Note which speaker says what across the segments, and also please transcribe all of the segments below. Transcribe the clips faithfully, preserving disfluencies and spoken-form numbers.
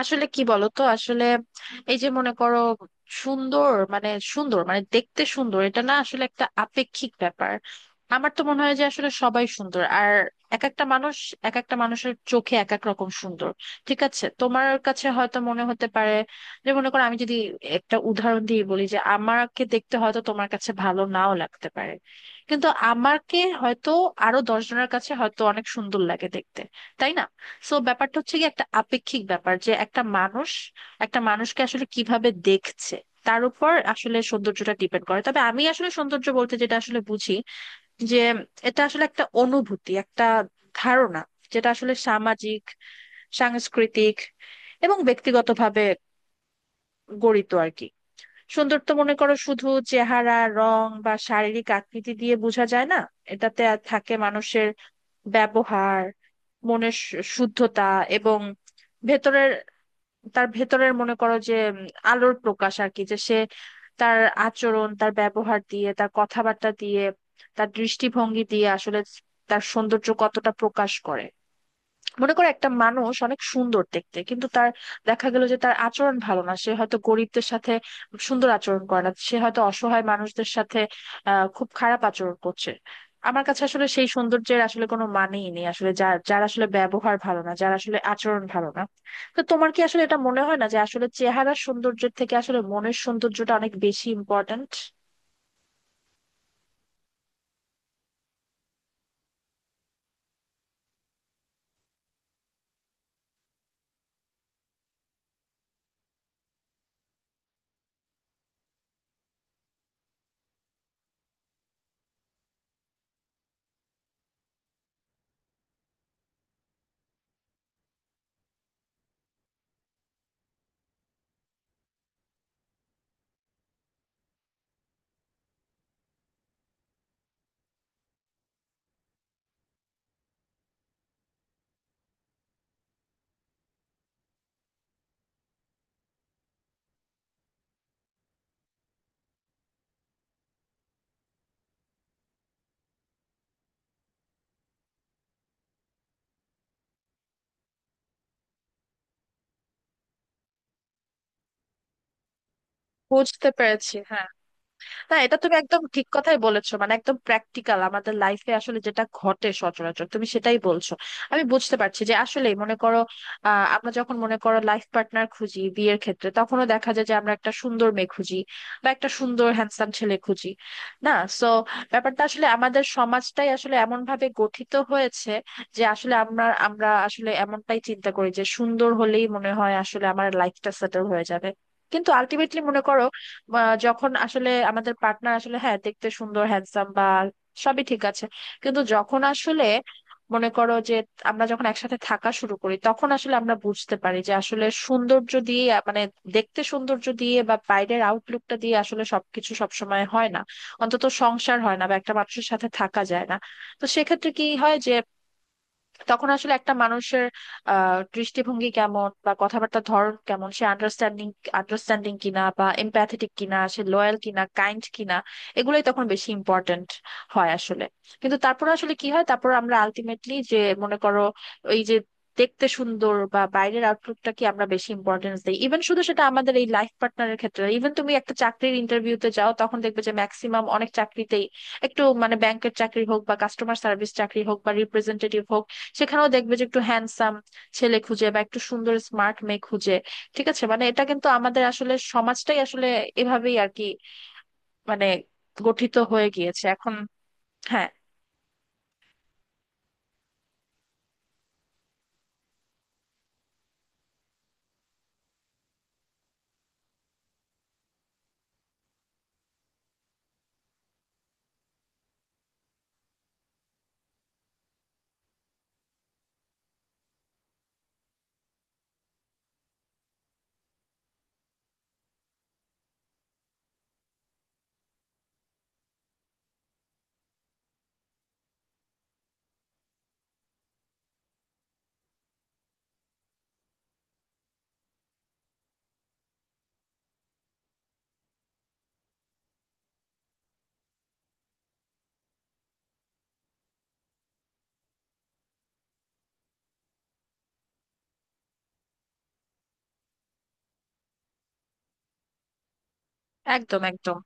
Speaker 1: আসলে কি বলতো? আসলে এই যে মনে করো, সুন্দর মানে সুন্দর মানে দেখতে সুন্দর এটা না, আসলে একটা আপেক্ষিক ব্যাপার। আমার তো মনে হয় যে আসলে সবাই সুন্দর। আর এক একটা মানুষ এক একটা মানুষের চোখে এক এক রকম সুন্দর। ঠিক আছে, তোমার কাছে হয়তো মনে হতে পারে, যে মনে করো আমি যদি একটা উদাহরণ দিয়ে বলি, যে আমাকে দেখতে হয়তো তোমার কাছে ভালো নাও লাগতে পারে, কিন্তু আমাকে হয়তো আরো দশ জনের কাছে হয়তো অনেক সুন্দর লাগে দেখতে। তাই না? সো ব্যাপারটা হচ্ছে কি, একটা আপেক্ষিক ব্যাপার যে একটা মানুষ একটা মানুষকে আসলে কিভাবে দেখছে তার উপর আসলে সৌন্দর্যটা ডিপেন্ড করে। তবে আমি আসলে সৌন্দর্য বলতে যেটা আসলে বুঝি, যে এটা আসলে একটা অনুভূতি, একটা ধারণা, যেটা আসলে সামাজিক, সাংস্কৃতিক এবং ব্যক্তিগতভাবে গড়িত আর কি। সৌন্দর্য মনে করো শুধু চেহারা, রং বা শারীরিক আকৃতি দিয়ে বোঝা যায় না। এটাতে থাকে মানুষের ব্যবহার, মনের শু- শুদ্ধতা এবং ভেতরের, তার ভেতরের মনে করো যে উম, আলোর প্রকাশ আর কি। যে সে তার আচরণ, তার ব্যবহার দিয়ে, তার কথাবার্তা দিয়ে, তার দৃষ্টিভঙ্গি দিয়ে আসলে তার সৌন্দর্য কতটা প্রকাশ করে। মনে করো একটা মানুষ অনেক সুন্দর দেখতে, কিন্তু তার দেখা গেল যে তার আচরণ ভালো না, সে হয়তো গরিবদের সাথে সুন্দর আচরণ করে না, সে হয়তো অসহায় মানুষদের সাথে আহ খুব খারাপ আচরণ করছে। আমার কাছে আসলে সেই সৌন্দর্যের আসলে কোনো মানেই নেই, আসলে যার যার আসলে ব্যবহার ভালো না, যার আসলে আচরণ ভালো না। তো তোমার কি আসলে এটা মনে হয় না, যে আসলে চেহারার সৌন্দর্যের থেকে আসলে মনের সৌন্দর্যটা অনেক বেশি ইম্পর্ট্যান্ট? বুঝতে পেরেছি, হ্যাঁ। না, এটা তুমি একদম ঠিক কথাই বলেছো, মানে একদম প্র্যাকটিক্যাল আমাদের লাইফে আসলে যেটা ঘটে সচরাচর তুমি সেটাই বলছো। আমি বুঝতে পারছি যে আসলে মনে করো, আহ, আমরা যখন মনে করো লাইফ পার্টনার খুঁজি বিয়ের ক্ষেত্রে, তখনও দেখা যায় যে আমরা একটা সুন্দর মেয়ে খুঁজি বা একটা সুন্দর হ্যান্ডসাম ছেলে খুঁজি, না? সো ব্যাপারটা আসলে আমাদের সমাজটাই আসলে এমন ভাবে গঠিত হয়েছে যে আসলে আমরা আমরা আসলে এমনটাই চিন্তা করি যে সুন্দর হলেই মনে হয় আসলে আমার লাইফটা সেটেল হয়ে যাবে। কিন্তু আলটিমেটলি মনে করো, আহ, যখন আসলে আমাদের পার্টনার আসলে, হ্যাঁ, দেখতে সুন্দর হ্যান্ডসাম বা সবই ঠিক আছে, কিন্তু যখন আসলে মনে করো যে আমরা যখন একসাথে থাকা শুরু করি, তখন আসলে আমরা বুঝতে পারি যে আসলে সৌন্দর্য দিয়ে, আহ, মানে দেখতে সৌন্দর্য দিয়ে বা বাইরের আউটলুকটা দিয়ে আসলে সবকিছু সবসময় হয় না, অন্তত সংসার হয় না বা একটা মানুষের সাথে থাকা যায় না। তো সেক্ষেত্রে কি হয় যে তখন আসলে একটা মানুষের আহ দৃষ্টিভঙ্গি কেমন বা কথাবার্তার ধরন কেমন, সে আন্ডারস্ট্যান্ডিং আন্ডারস্ট্যান্ডিং কিনা বা এমপ্যাথেটিক কিনা, সে লয়াল কিনা, কাইন্ড কিনা, এগুলোই তখন বেশি ইম্পর্ট্যান্ট হয় আসলে। কিন্তু তারপর আসলে কি হয়, তারপর আমরা আলটিমেটলি যে, মনে করো এই যে দেখতে সুন্দর বা বাইরের আউটলুকটা কি আমরা বেশি ইম্পর্টেন্স দিই। ইভেন শুধু সেটা আমাদের এই লাইফ পার্টনারের ক্ষেত্রে, ইভেন তুমি একটা চাকরির ইন্টারভিউতে যাও, তখন দেখবে যে ম্যাক্সিমাম অনেক চাকরিতেই একটু, মানে ব্যাংকের চাকরি হোক বা কাস্টমার সার্ভিস চাকরি হোক বা রিপ্রেজেন্টেটিভ হোক, সেখানেও দেখবে যে একটু হ্যান্ডসাম ছেলে খুঁজে বা একটু সুন্দর স্মার্ট মেয়ে খুঁজে। ঠিক আছে, মানে এটা কিন্তু আমাদের আসলে সমাজটাই আসলে এভাবেই আর কি, মানে গঠিত হয়ে গিয়েছে এখন। হ্যাঁ, একদম একদম।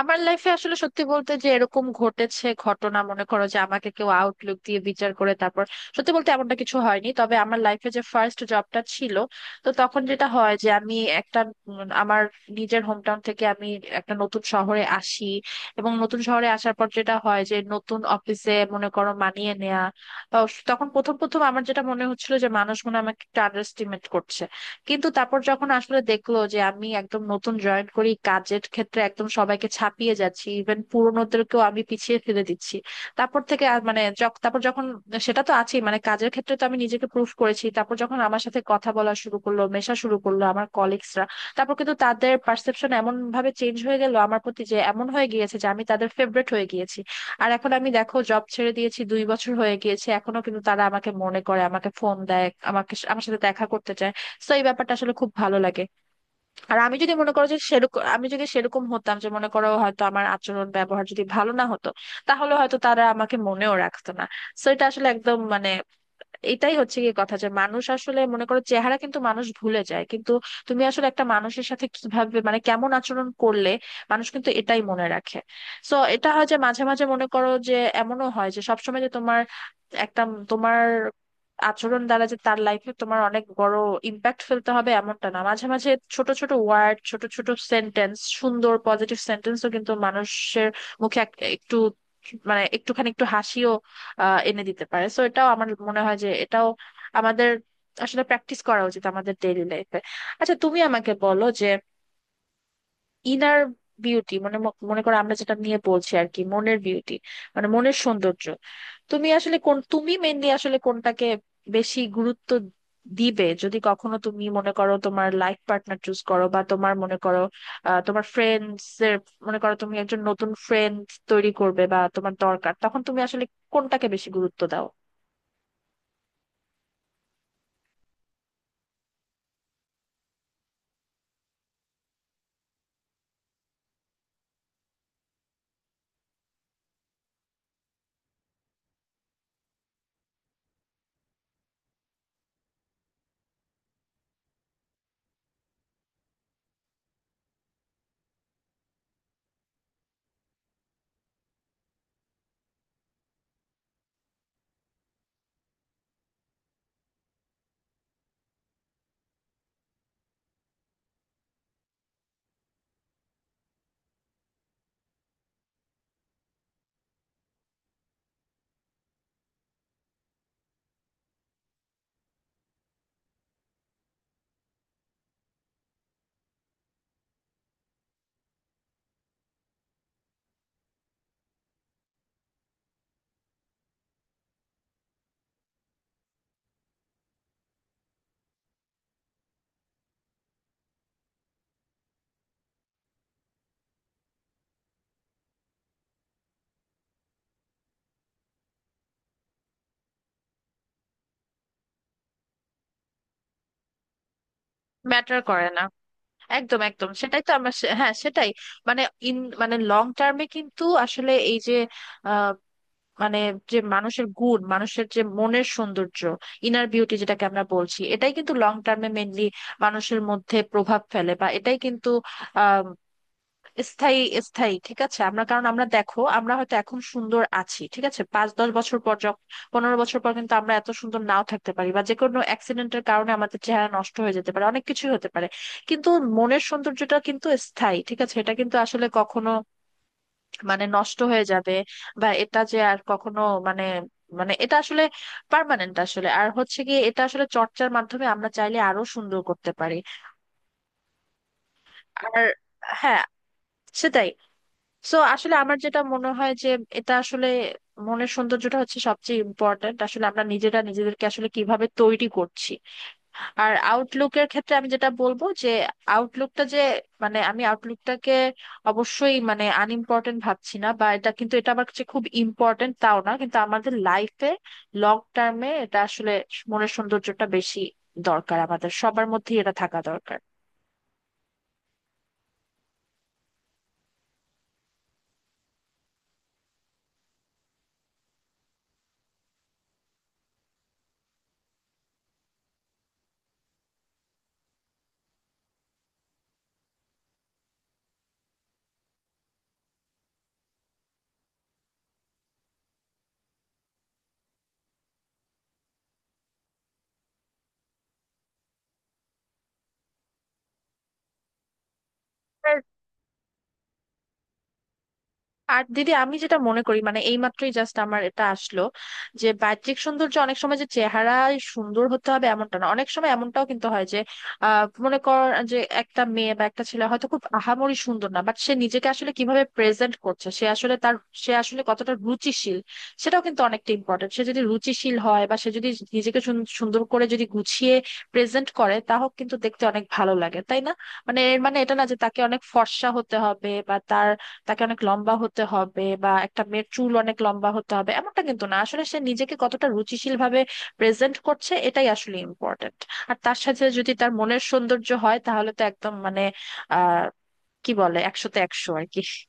Speaker 1: আমার লাইফে আসলে সত্যি বলতে যে এরকম ঘটেছে ঘটনা মনে করো যে আমাকে কেউ আউটলুক দিয়ে বিচার করে তারপর, সত্যি বলতে এমনটা কিছু হয়নি। তবে আমার লাইফে যে ফার্স্ট জবটা ছিল, তো তখন যেটা হয় যে আমি একটা, উম, আমার নিজের হোমটাউন থেকে আমি একটা নতুন শহরে আসি। এবং নতুন শহরে আসার পর যেটা হয় যে নতুন অফিসে মনে করো মানিয়ে নেওয়া, তখন প্রথম প্রথম আমার যেটা মনে হচ্ছিল যে মানুষ মনে হয় আমাকে একটু আন্ডারস্টিমেট করছে। কিন্তু তারপর যখন আসলে দেখলো যে আমি একদম নতুন জয়েন করি, কাজের ক্ষেত্রে একদম সবাইকে ছাপিয়ে যাচ্ছি, ইভেন পুরোনোদেরকেও আমি পিছিয়ে ফেলে দিচ্ছি, তারপর থেকে আর মানে যখ- তারপর যখন, সেটা তো আছেই, মানে কাজের ক্ষেত্রে তো আমি নিজেকে প্রুফ করেছি, তারপর যখন আমার সাথে কথা বলা শুরু করলো, মেশা শুরু করলো আমার কলিগসরা, তারপর কিন্তু তাদের পারসেপশন এমন ভাবে চেঞ্জ হয়ে গেল আমার প্রতি, যে এমন হয়ে গিয়েছে যে আমি তাদের ফেভারিট হয়ে গিয়েছি। আর এখন আমি দেখো জব ছেড়ে দিয়েছি, দুই বছর হয়ে গিয়েছে, এখনো কিন্তু তারা আমাকে মনে করে, আমাকে ফোন দেয়, আমাকে, আমার সাথে দেখা করতে চায়। তো এই ব্যাপারটা আসলে খুব ভালো লাগে। আর আমি যদি মনে করো যে সেরকম, আমি যদি সেরকম হতাম, যে মনে করো হয়তো আমার আচরণ ব্যবহার যদি ভালো না হতো, তাহলে হয়তো তারা আমাকে মনেও রাখতো না। তো এটা আসলে একদম, মানে এটাই হচ্ছে কি কথা যে মানুষ আসলে মনে করো চেহারা কিন্তু মানুষ ভুলে যায়, কিন্তু তুমি আসলে একটা মানুষের সাথে কিভাবে, মানে কেমন আচরণ করলে মানুষ কিন্তু এটাই মনে রাখে। সো এটা হয় যে মাঝে মাঝে মনে করো যে, এমনও হয় যে সবসময় যে তোমার একটা, তোমার আচরণ দ্বারা যে তার লাইফে তোমার অনেক বড় ইম্প্যাক্ট ফেলতে হবে এমনটা না, মাঝে মাঝে ছোট ছোট ওয়ার্ড, ছোট ছোট সেন্টেন্স, সুন্দর পজিটিভ সেন্টেন্সও কিন্তু মানুষের মুখে এক- একটু, মানে একটুখানি, একটু হাসিও আহ এনে দিতে পারে। সো এটাও আমার মনে হয় যে এটাও আমাদের আসলে প্র্যাকটিস করা উচিত আমাদের ডেইলি লাইফে। আচ্ছা তুমি আমাকে বলো যে ইনার বিউটি মানে, ম- মনে করো আমরা যেটা নিয়ে বলছি আর কি, মনের বিউটি মানে মনের সৌন্দর্য, তুমি আসলে কোন, তুমি মেনলি আসলে কোনটাকে বেশি গুরুত্ব দিবে যদি কখনো, তুমি মনে করো তোমার লাইফ পার্টনার চুজ করো, বা তোমার মনে করো আহ, তোমার ফ্রেন্ডস এর, মনে করো তুমি একজন নতুন ফ্রেন্ড তৈরি করবে বা তোমার দরকার, তখন তুমি আসলে কোনটাকে বেশি গুরুত্ব দাও? ম্যাটার করে না। একদম একদম সেটাই তো আমরা, সে- হ্যাঁ সেটাই, মানে ইন, মানে লং টার্মে কিন্তু আসলে এই যে, আহ, মানে যে মানুষের গুণ, মানুষের যে মনের সৌন্দর্য, ইনার বিউটি যেটাকে আমরা বলছি, এটাই কিন্তু লং টার্মে মেনলি মানুষের মধ্যে প্রভাব ফেলে, বা এটাই কিন্তু স্থায়ী। স্থায়ী, ঠিক আছে। আমরা, কারণ আমরা দেখো আমরা হয়তো এখন সুন্দর আছি ঠিক আছে, পাঁচ দশ বছর পর যখন, পনেরো বছর পর কিন্তু আমরা এত সুন্দর নাও থাকতে পারি, বা যে কোনো অ্যাক্সিডেন্টের কারণে আমাদের চেহারা নষ্ট হয়ে যেতে পারে, অনেক কিছুই হতে পারে। কিন্তু মনের সৌন্দর্যটা কিন্তু স্থায়ী, ঠিক আছে। এটা কিন্তু আসলে কখনো, মানে নষ্ট হয়ে যাবে, বা এটা যে আর কখনো, মানে, মানে এটা আসলে পার্মানেন্ট আসলে। আর হচ্ছে কি, এটা আসলে চর্চার মাধ্যমে আমরা চাইলে আরো সুন্দর করতে পারি। আর হ্যাঁ, সেটাই, সো আসলে আমার যেটা মনে হয় যে এটা আসলে মনের সৌন্দর্যটা হচ্ছে সবচেয়ে ইম্পর্ট্যান্ট, আসলে আমরা নিজেরা নিজেদেরকে আসলে কিভাবে তৈরি করছি। আর আউটলুকের ক্ষেত্রে আমি যেটা বলবো যে আউটলুকটা যে, মানে আমি আউটলুকটাকে অবশ্যই মানে আনইম্পর্ট্যান্ট ভাবছি না, বা এটা কিন্তু, এটা আমার কাছে খুব ইম্পর্ট্যান্ট তাও না, কিন্তু আমাদের লাইফে লং টার্মে এটা আসলে, মনের সৌন্দর্যটা বেশি দরকার, আমাদের সবার মধ্যেই এটা থাকা দরকার। আর দিদি আমি যেটা মনে করি মানে এইমাত্রই জাস্ট আমার এটা আসলো, যে বাহ্যিক সৌন্দর্য অনেক সময় যে চেহারায় সুন্দর হতে হবে এমনটা না, অনেক সময় এমনটাও কিন্তু হয় যে আহ মনে কর যে একটা মেয়ে বা একটা ছেলে হয়তো খুব আহামরি সুন্দর না, বাট সে নিজেকে আসলে কিভাবে প্রেজেন্ট করছে, সে আসলে তার, সে আসলে কতটা রুচিশীল, সেটাও কিন্তু অনেকটা ইম্পর্টেন্ট। সে যদি রুচিশীল হয় বা সে যদি নিজেকে সুন- সুন্দর করে যদি গুছিয়ে প্রেজেন্ট করে, তাহলে কিন্তু দেখতে অনেক ভালো লাগে, তাই না? মানে এর মানে এটা না যে তাকে অনেক ফর্সা হতে হবে বা তার, তাকে অনেক লম্বা হতে হবে বা একটা মেয়ের চুল অনেক লম্বা হতে হবে এমনটা কিন্তু না, আসলে সে নিজেকে কতটা রুচিশীল ভাবে প্রেজেন্ট করছে এটাই আসলে ইম্পর্টেন্ট। আর তার সাথে যদি তার মনের সৌন্দর্য হয় তাহলে তো একদম, মানে আহ কি বলে, একশোতে একশো আর কি।